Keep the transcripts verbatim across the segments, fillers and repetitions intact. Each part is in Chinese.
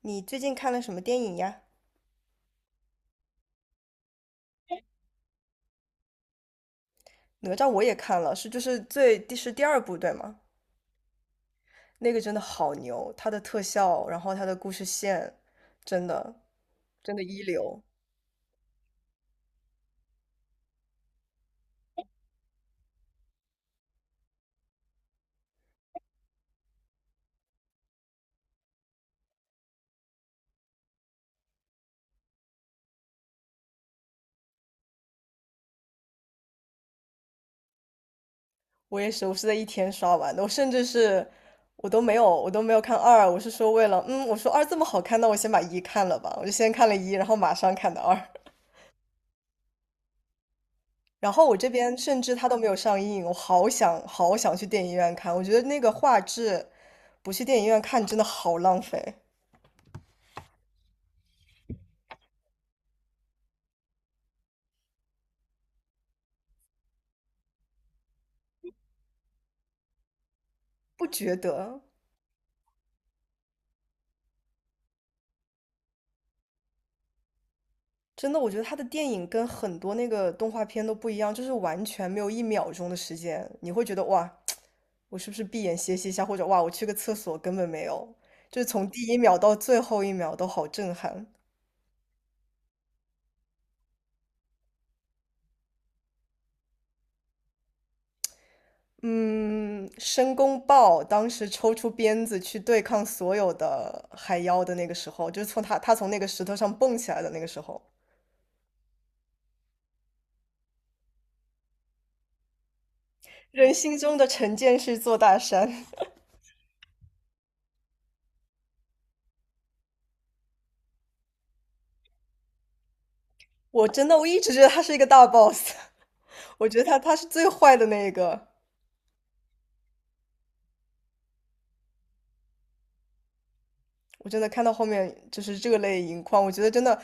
你最近看了什么电影呀？哪吒我也看了，是就是最第是第二部对吗？那个真的好牛，它的特效，然后它的故事线，真的真的一流。我也是，我是在一天刷完的，我甚至是我都没有我都没有看二，我是说为了嗯，我说二这么好看，那我先把一看了吧，我就先看了一，然后马上看的二。然后我这边甚至它都没有上映，我好想好想去电影院看，我觉得那个画质不去电影院看真的好浪费。不觉得，真的，我觉得他的电影跟很多那个动画片都不一样，就是完全没有一秒钟的时间，你会觉得哇，我是不是闭眼歇息一下，或者哇，我去个厕所，根本没有，就是从第一秒到最后一秒都好震撼。嗯，申公豹当时抽出鞭子去对抗所有的海妖的那个时候，就是从他他从那个石头上蹦起来的那个时候，人心中的成见是座大山。我真的我一直觉得他是一个大 boss。我觉得他他是最坏的那一个。我真的看到后面就是热泪盈眶，我觉得真的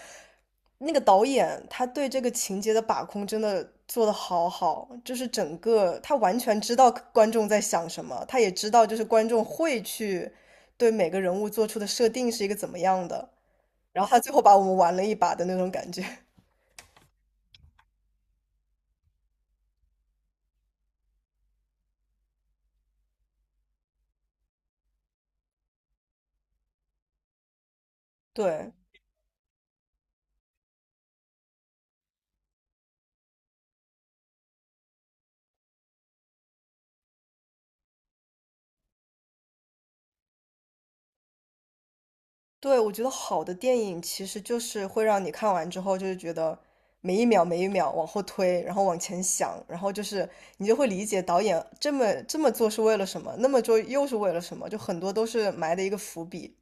那个导演他对这个情节的把控真的做的好好，就是整个他完全知道观众在想什么，他也知道就是观众会去对每个人物做出的设定是一个怎么样的，然后他最后把我们玩了一把的那种感觉。对，对，我觉得好的电影其实就是会让你看完之后，就是觉得每一秒每一秒往后推，然后往前想，然后就是你就会理解导演这么这么做是为了什么，那么做又是为了什么，就很多都是埋的一个伏笔，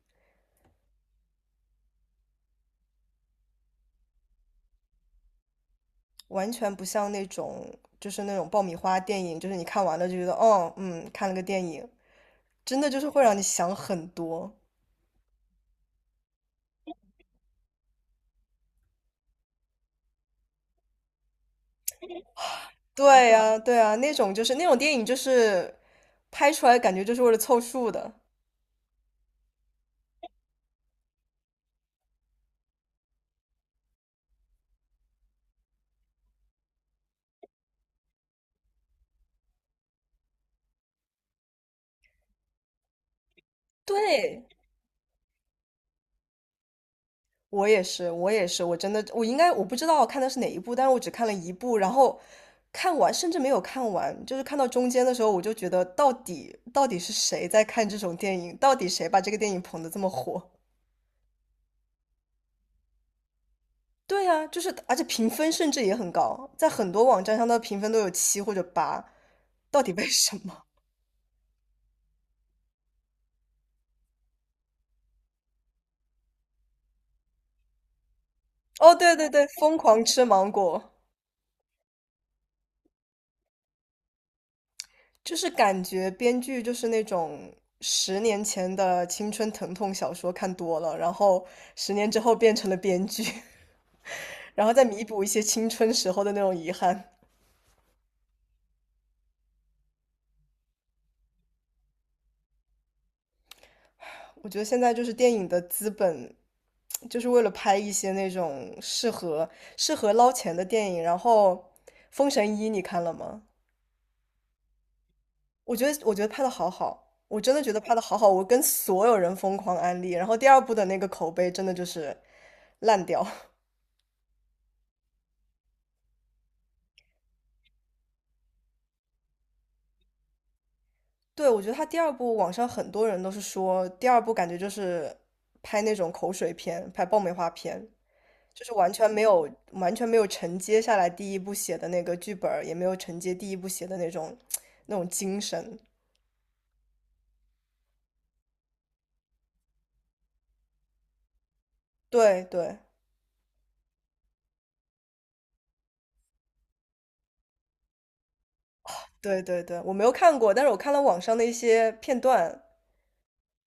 完全不像那种就是那种爆米花电影，就是你看完了就觉得哦，嗯，看了个电影，真的就是会让你想很多。对呀，对呀，那种就是那种电影就是拍出来感觉就是为了凑数的。对，我也是，我也是，我真的，我应该我不知道我看的是哪一部，但是我只看了一部，然后看完甚至没有看完，就是看到中间的时候，我就觉得到底到底是谁在看这种电影，到底谁把这个电影捧得这么火？对啊，就是而且评分甚至也很高，在很多网站上的评分都有七或者八，到底为什么？哦，对对对，疯狂吃芒果。就是感觉编剧就是那种十年前的青春疼痛小说看多了，然后十年之后变成了编剧，然后再弥补一些青春时候的那种遗憾。我觉得现在就是电影的资本，就是为了拍一些那种适合适合捞钱的电影。然后《封神一》你看了吗？我觉得我觉得拍的好好，我真的觉得拍的好好，我跟所有人疯狂安利。然后第二部的那个口碑真的就是烂掉。对，我觉得他第二部，网上很多人都是说，第二部感觉就是拍那种口水片，拍爆米花片，就是完全没有完全没有承接下来第一部写的那个剧本儿也没有承接第一部写的那种那种精神。对对对对对，我没有看过，但是我看了网上的一些片段，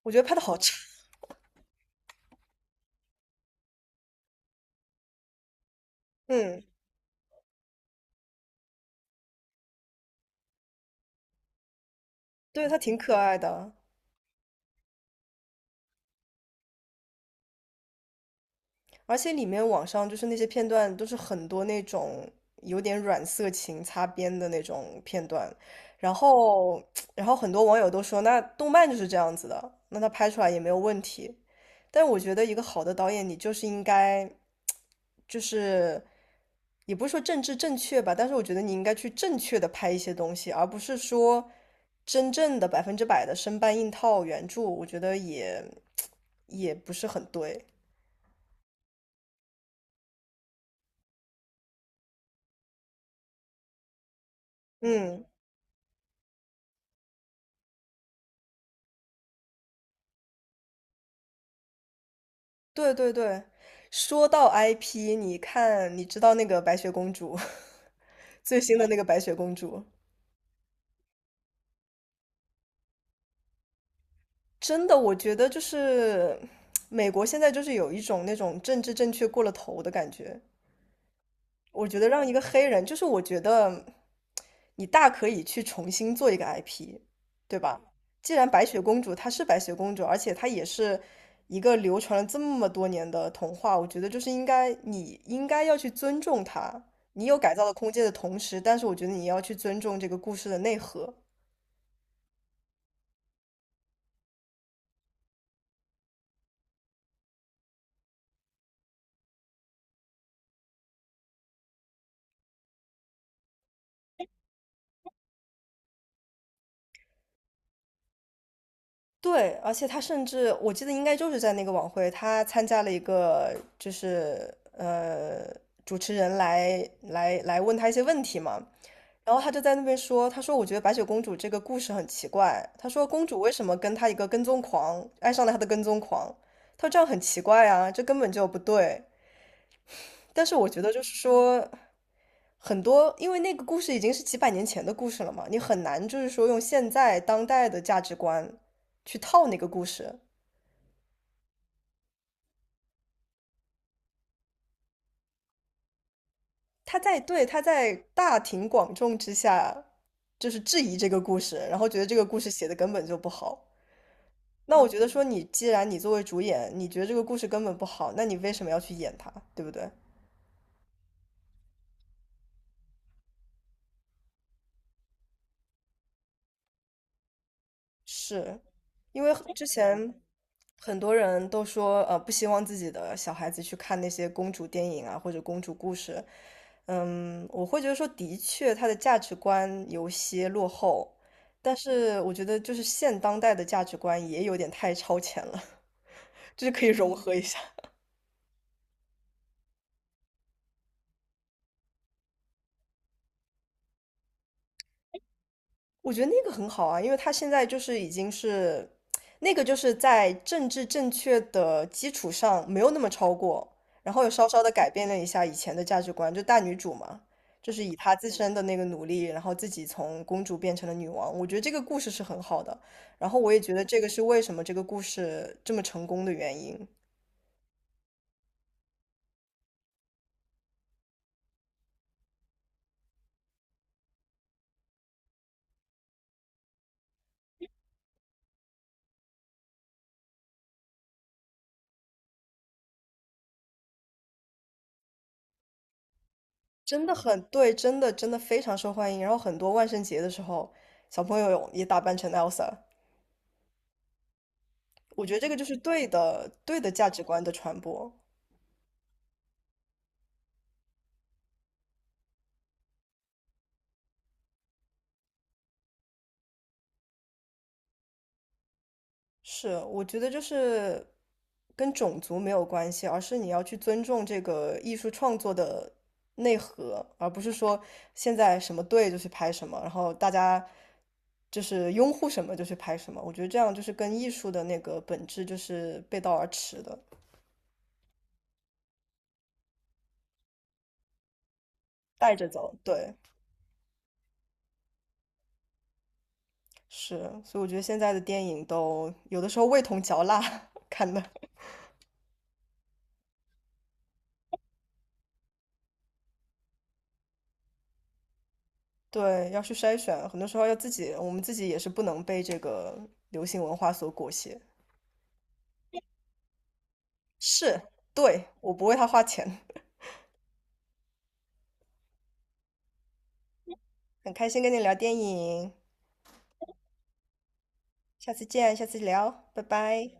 我觉得拍的好差。嗯，对，他挺可爱的。而且里面网上就是那些片段都是很多那种有点软色情擦边的那种片段，然后然后很多网友都说，那动漫就是这样子的，那他拍出来也没有问题。但我觉得一个好的导演，你就是应该，就是也不是说政治正确吧，但是我觉得你应该去正确的拍一些东西，而不是说真正的百分之百的生搬硬套原著，我觉得也也不是很对。嗯。对对对，说到 I P，你看，你知道那个白雪公主，最新的那个白雪公主，真的，我觉得就是 美国现在就是有一种那种政治正确过了头的感觉，我觉得让一个黑人，就是我觉得你大可以去重新做一个 I P，对吧？既然白雪公主她是白雪公主，而且她也是一个流传了这么多年的童话，我觉得就是应该你应该要去尊重她。你有改造的空间的同时，但是我觉得你要去尊重这个故事的内核。对，而且他甚至我记得应该就是在那个晚会，他参加了一个就是呃主持人来来来问他一些问题嘛，然后他就在那边说，他说我觉得白雪公主这个故事很奇怪，他说公主为什么跟他一个跟踪狂爱上了他的跟踪狂，他说这样很奇怪啊，这根本就不对。但是我觉得就是说很多，因为那个故事已经是几百年前的故事了嘛，你很难就是说用现在当代的价值观去套那个故事。他在对他在大庭广众之下就是质疑这个故事，然后觉得这个故事写的根本就不好。那我觉得说你既然你作为主演，你觉得这个故事根本不好，那你为什么要去演它，对不对？是，因为之前很多人都说，呃，不希望自己的小孩子去看那些公主电影啊，或者公主故事。嗯，我会觉得说，的确，他的价值观有些落后，但是我觉得就是现当代的价值观也有点太超前了，就是可以融合一下。我觉得那个很好啊，因为她现在就是已经是，那个就是在政治正确的基础上没有那么超过，然后又稍稍的改变了一下以前的价值观，就大女主嘛，就是以她自身的那个努力，然后自己从公主变成了女王。我觉得这个故事是很好的，然后我也觉得这个是为什么这个故事这么成功的原因，真的很对，真的真的非常受欢迎。然后很多万圣节的时候，小朋友也打扮成 Elsa。我觉得这个就是对的，对的价值观的传播。是，我觉得就是跟种族没有关系，而是你要去尊重这个艺术创作的内核，而不是说现在什么对就去拍什么，然后大家就是拥护什么就去拍什么。我觉得这样就是跟艺术的那个本质就是背道而驰的，带着走。对，是，所以我觉得现在的电影都有的时候味同嚼蜡 看的。对，要去筛选，很多时候要自己，我们自己也是不能被这个流行文化所裹挟。是，对，我不为他花钱。很开心跟你聊电影，下次见，下次聊，拜拜。